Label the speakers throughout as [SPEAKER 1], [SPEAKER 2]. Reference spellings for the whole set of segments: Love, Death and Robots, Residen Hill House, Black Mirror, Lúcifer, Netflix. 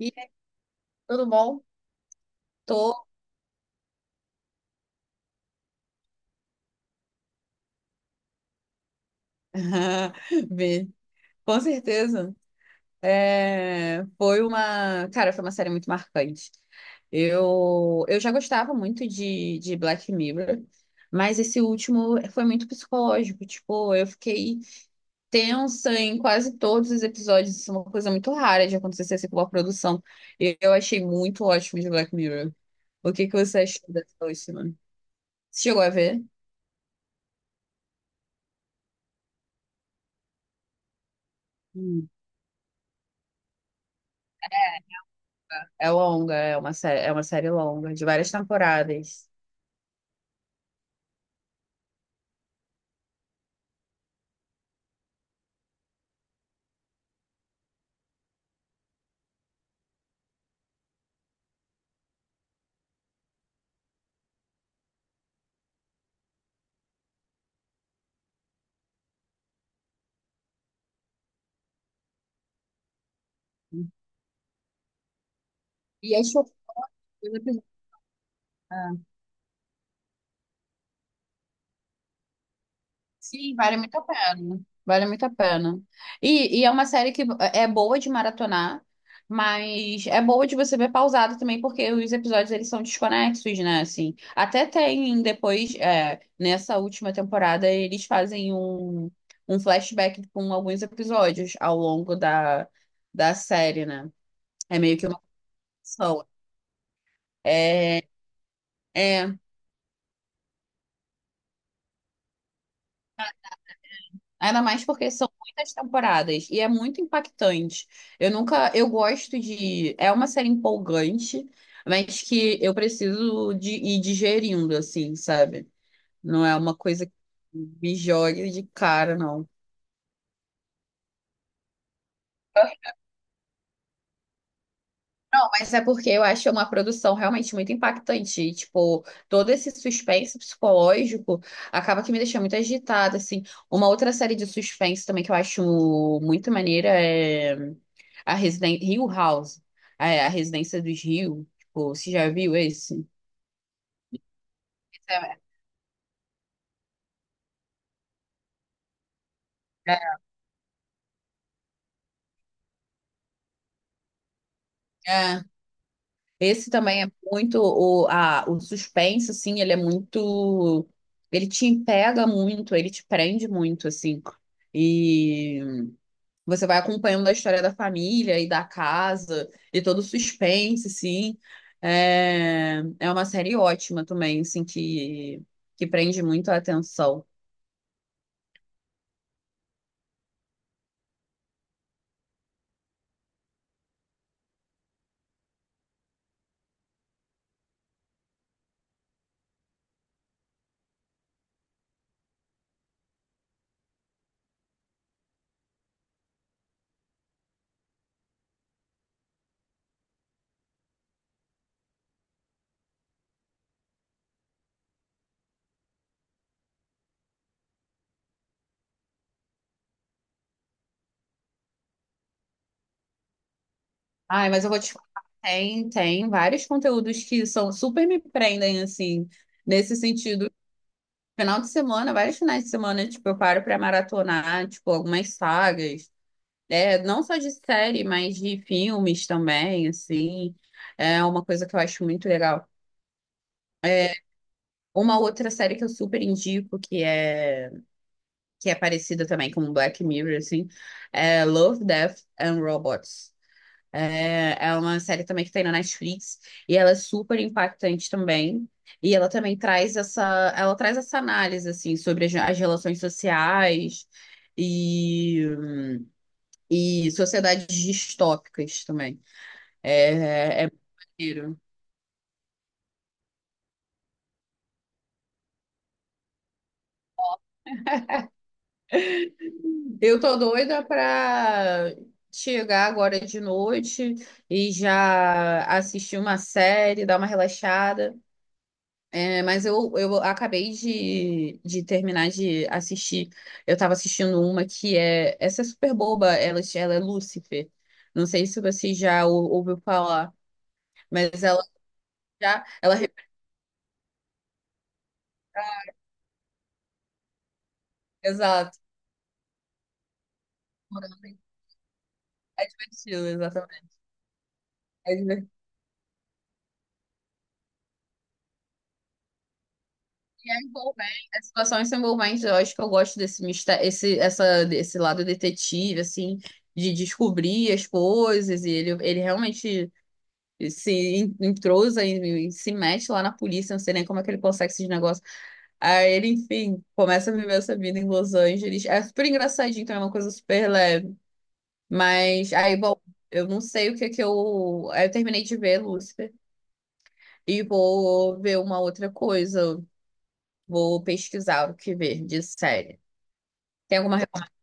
[SPEAKER 1] E aí, tudo bom? Tô. Vi. Com certeza. Foi uma, cara, foi uma série muito marcante. Eu já gostava muito de Black Mirror, mas esse último foi muito psicológico. Tipo, eu fiquei tensa em quase todos os episódios. Isso é uma coisa muito rara de acontecer assim, com uma produção. E eu achei muito ótimo de Black Mirror. O que que você achou dessa última? Você chegou a ver? É longa, é uma série longa, de várias temporadas. E acho que- ah, Sim, vale muito a pena. Vale muito a pena. E é uma série que é boa de maratonar, mas é boa de você ver pausado também, porque os episódios eles são desconexos, né? Assim, até tem depois, nessa última temporada, eles fazem um flashback com alguns episódios ao longo da série, né? É meio que uma continuação. É, é, Ainda mais porque são muitas temporadas e é muito impactante. Eu nunca, eu gosto de, é uma série empolgante, mas que eu preciso de ir digerindo assim, sabe? Não é uma coisa que me jogue de cara, não. Mas é porque eu acho uma produção realmente muito impactante. E, tipo, todo esse suspense psicológico acaba que me deixa muito agitada, assim. Uma outra série de suspense também que eu acho muito maneira é a Residen Hill House, é, a Residência dos Hill. Tipo, você já viu esse? É. É. Esse também é muito o suspense, assim, ele é muito. Ele te pega muito, ele te prende muito, assim. E você vai acompanhando a história da família e da casa e todo o suspense, assim. É, é uma série ótima também, assim, que prende muito a atenção. Ai, mas eu vou te falar, tem vários conteúdos que são super me prendem, assim, nesse sentido. Final de semana, vários finais de semana, tipo, eu paro pra maratonar, tipo, algumas sagas. É, não só de série, mas de filmes também, assim. É uma coisa que eu acho muito legal. Uma outra série que eu super indico, que é parecida também com Black Mirror, assim, é Love, Death and Robots. É, é uma série também que tem na Netflix e ela é super impactante também. E ela também traz essa, ela traz essa análise, assim, sobre as, as relações sociais e, e sociedades distópicas também. É, é maneiro. Eu tô doida pra chegar agora de noite e já assistir uma série, dar uma relaxada. É, mas eu acabei de terminar de assistir. Eu tava assistindo uma que é. Essa é super boba, ela é Lúcifer. Não sei se você já ouviu falar, mas ela já. Ela, exato. É divertido, exatamente. É e é envolvente, as situações são envolventes. Eu acho que eu gosto desse mistério, desse lado detetive, assim, de descobrir as coisas. E ele realmente se en- entrosa e se mete lá na polícia. Não sei nem como é que ele consegue esses negócios. Aí ele, enfim, começa a viver essa vida em Los Angeles. É super engraçadinho, então é uma coisa super leve. Mas aí, bom, eu não sei o que é que eu. Aí eu terminei de ver Lúcifer e vou ver uma outra coisa. Vou pesquisar o que ver de série. Tem alguma recomendação?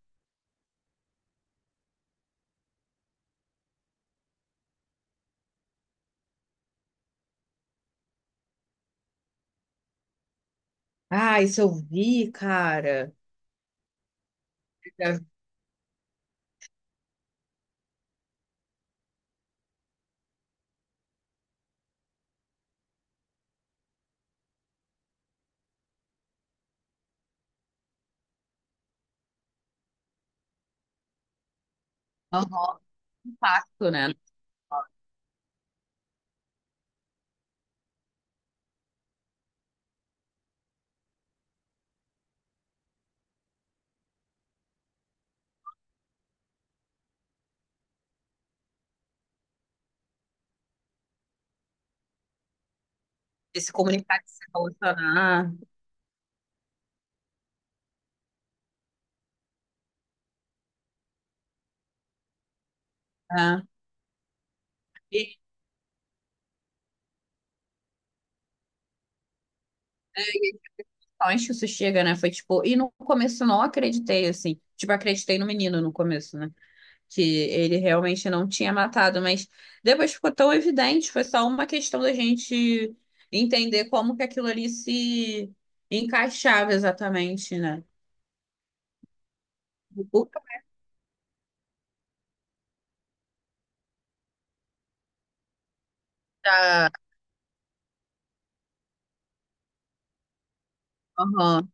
[SPEAKER 1] Ah, isso eu vi, cara. Aham, impacto, né? De se comunicar, de se relacionar, né? E e só onde isso chega, né? Foi tipo, e no começo eu não acreditei, assim. Tipo, acreditei no menino no começo, né? Que ele realmente não tinha matado, mas depois ficou tão evidente, foi só uma questão da gente entender como que aquilo ali se encaixava exatamente, né? O da... Aham.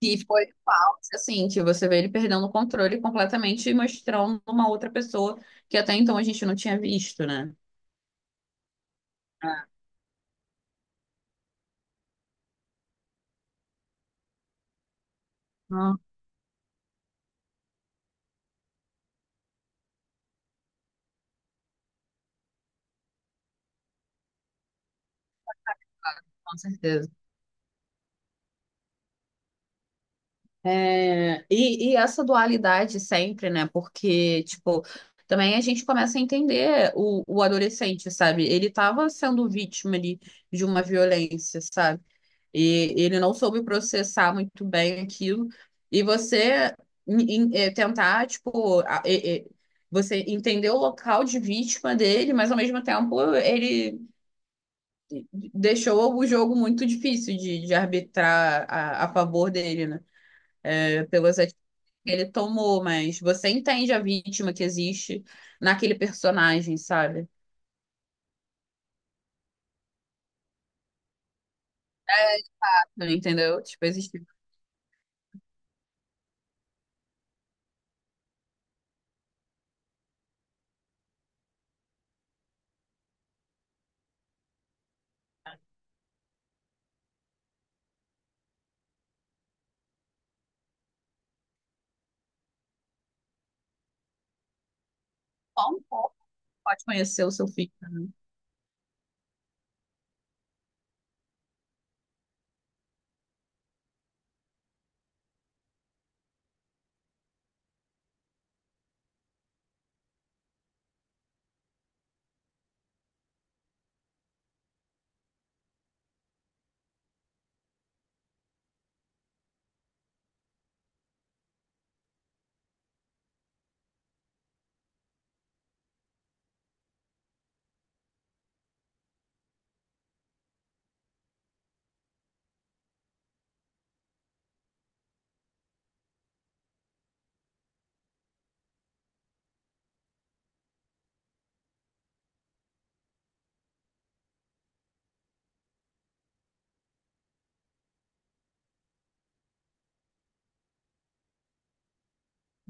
[SPEAKER 1] Que foi assim, que você vê ele perdendo o controle completamente e mostrando uma outra pessoa que até então a gente não tinha visto, né? Ah, ah, com certeza. E essa dualidade sempre, né? Porque, tipo, também a gente começa a entender o adolescente, sabe? Ele estava sendo vítima ali de uma violência, sabe? E ele não soube processar muito bem aquilo. E você tentar, tipo, você entender o local de vítima dele, mas ao mesmo tempo ele deixou o jogo muito difícil de arbitrar a favor dele, né? Pelas atitudes que ele tomou, mas você entende a vítima que existe naquele personagem, sabe? Entendeu? Tipo, existe só um pouco que pode conhecer o seu filho.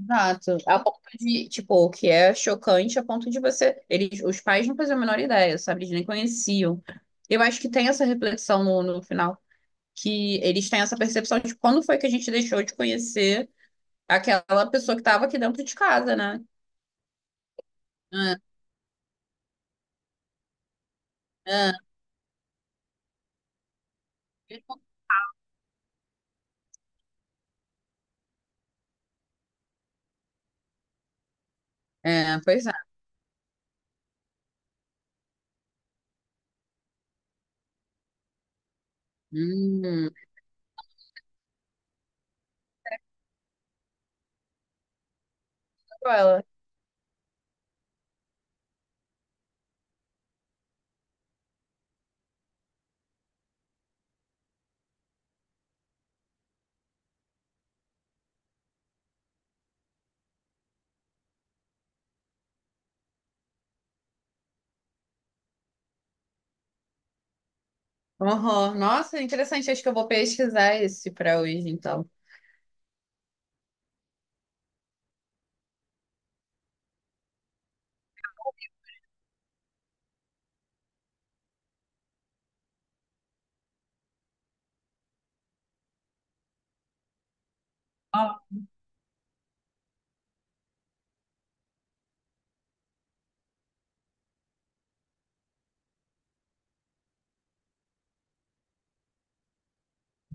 [SPEAKER 1] Exato. A ponto de, tipo, o que é chocante a ponto de você. Eles, os pais não faziam a menor ideia, sabe? Eles nem conheciam. Eu acho que tem essa reflexão no final, que eles têm essa percepção de quando foi que a gente deixou de conhecer aquela pessoa que estava aqui dentro de casa, né? Ah, ah, é, pois é. Hum, ela. Uhum. Nossa, interessante. Acho que eu vou pesquisar esse para hoje, então. Ó.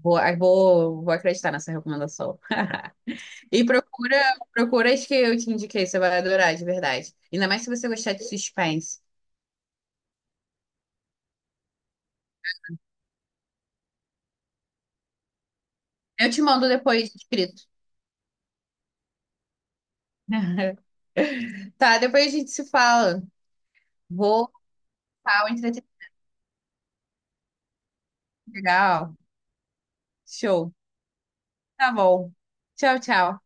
[SPEAKER 1] Vou acreditar nessa recomendação. E procura, procura as que eu te indiquei, você vai adorar, de verdade. Ainda mais se você gostar de suspense. Eu te mando depois escrito. Tá, depois a gente se fala. Vou, tal, entretenimento legal. Show. Tá bom. Tchau, tchau.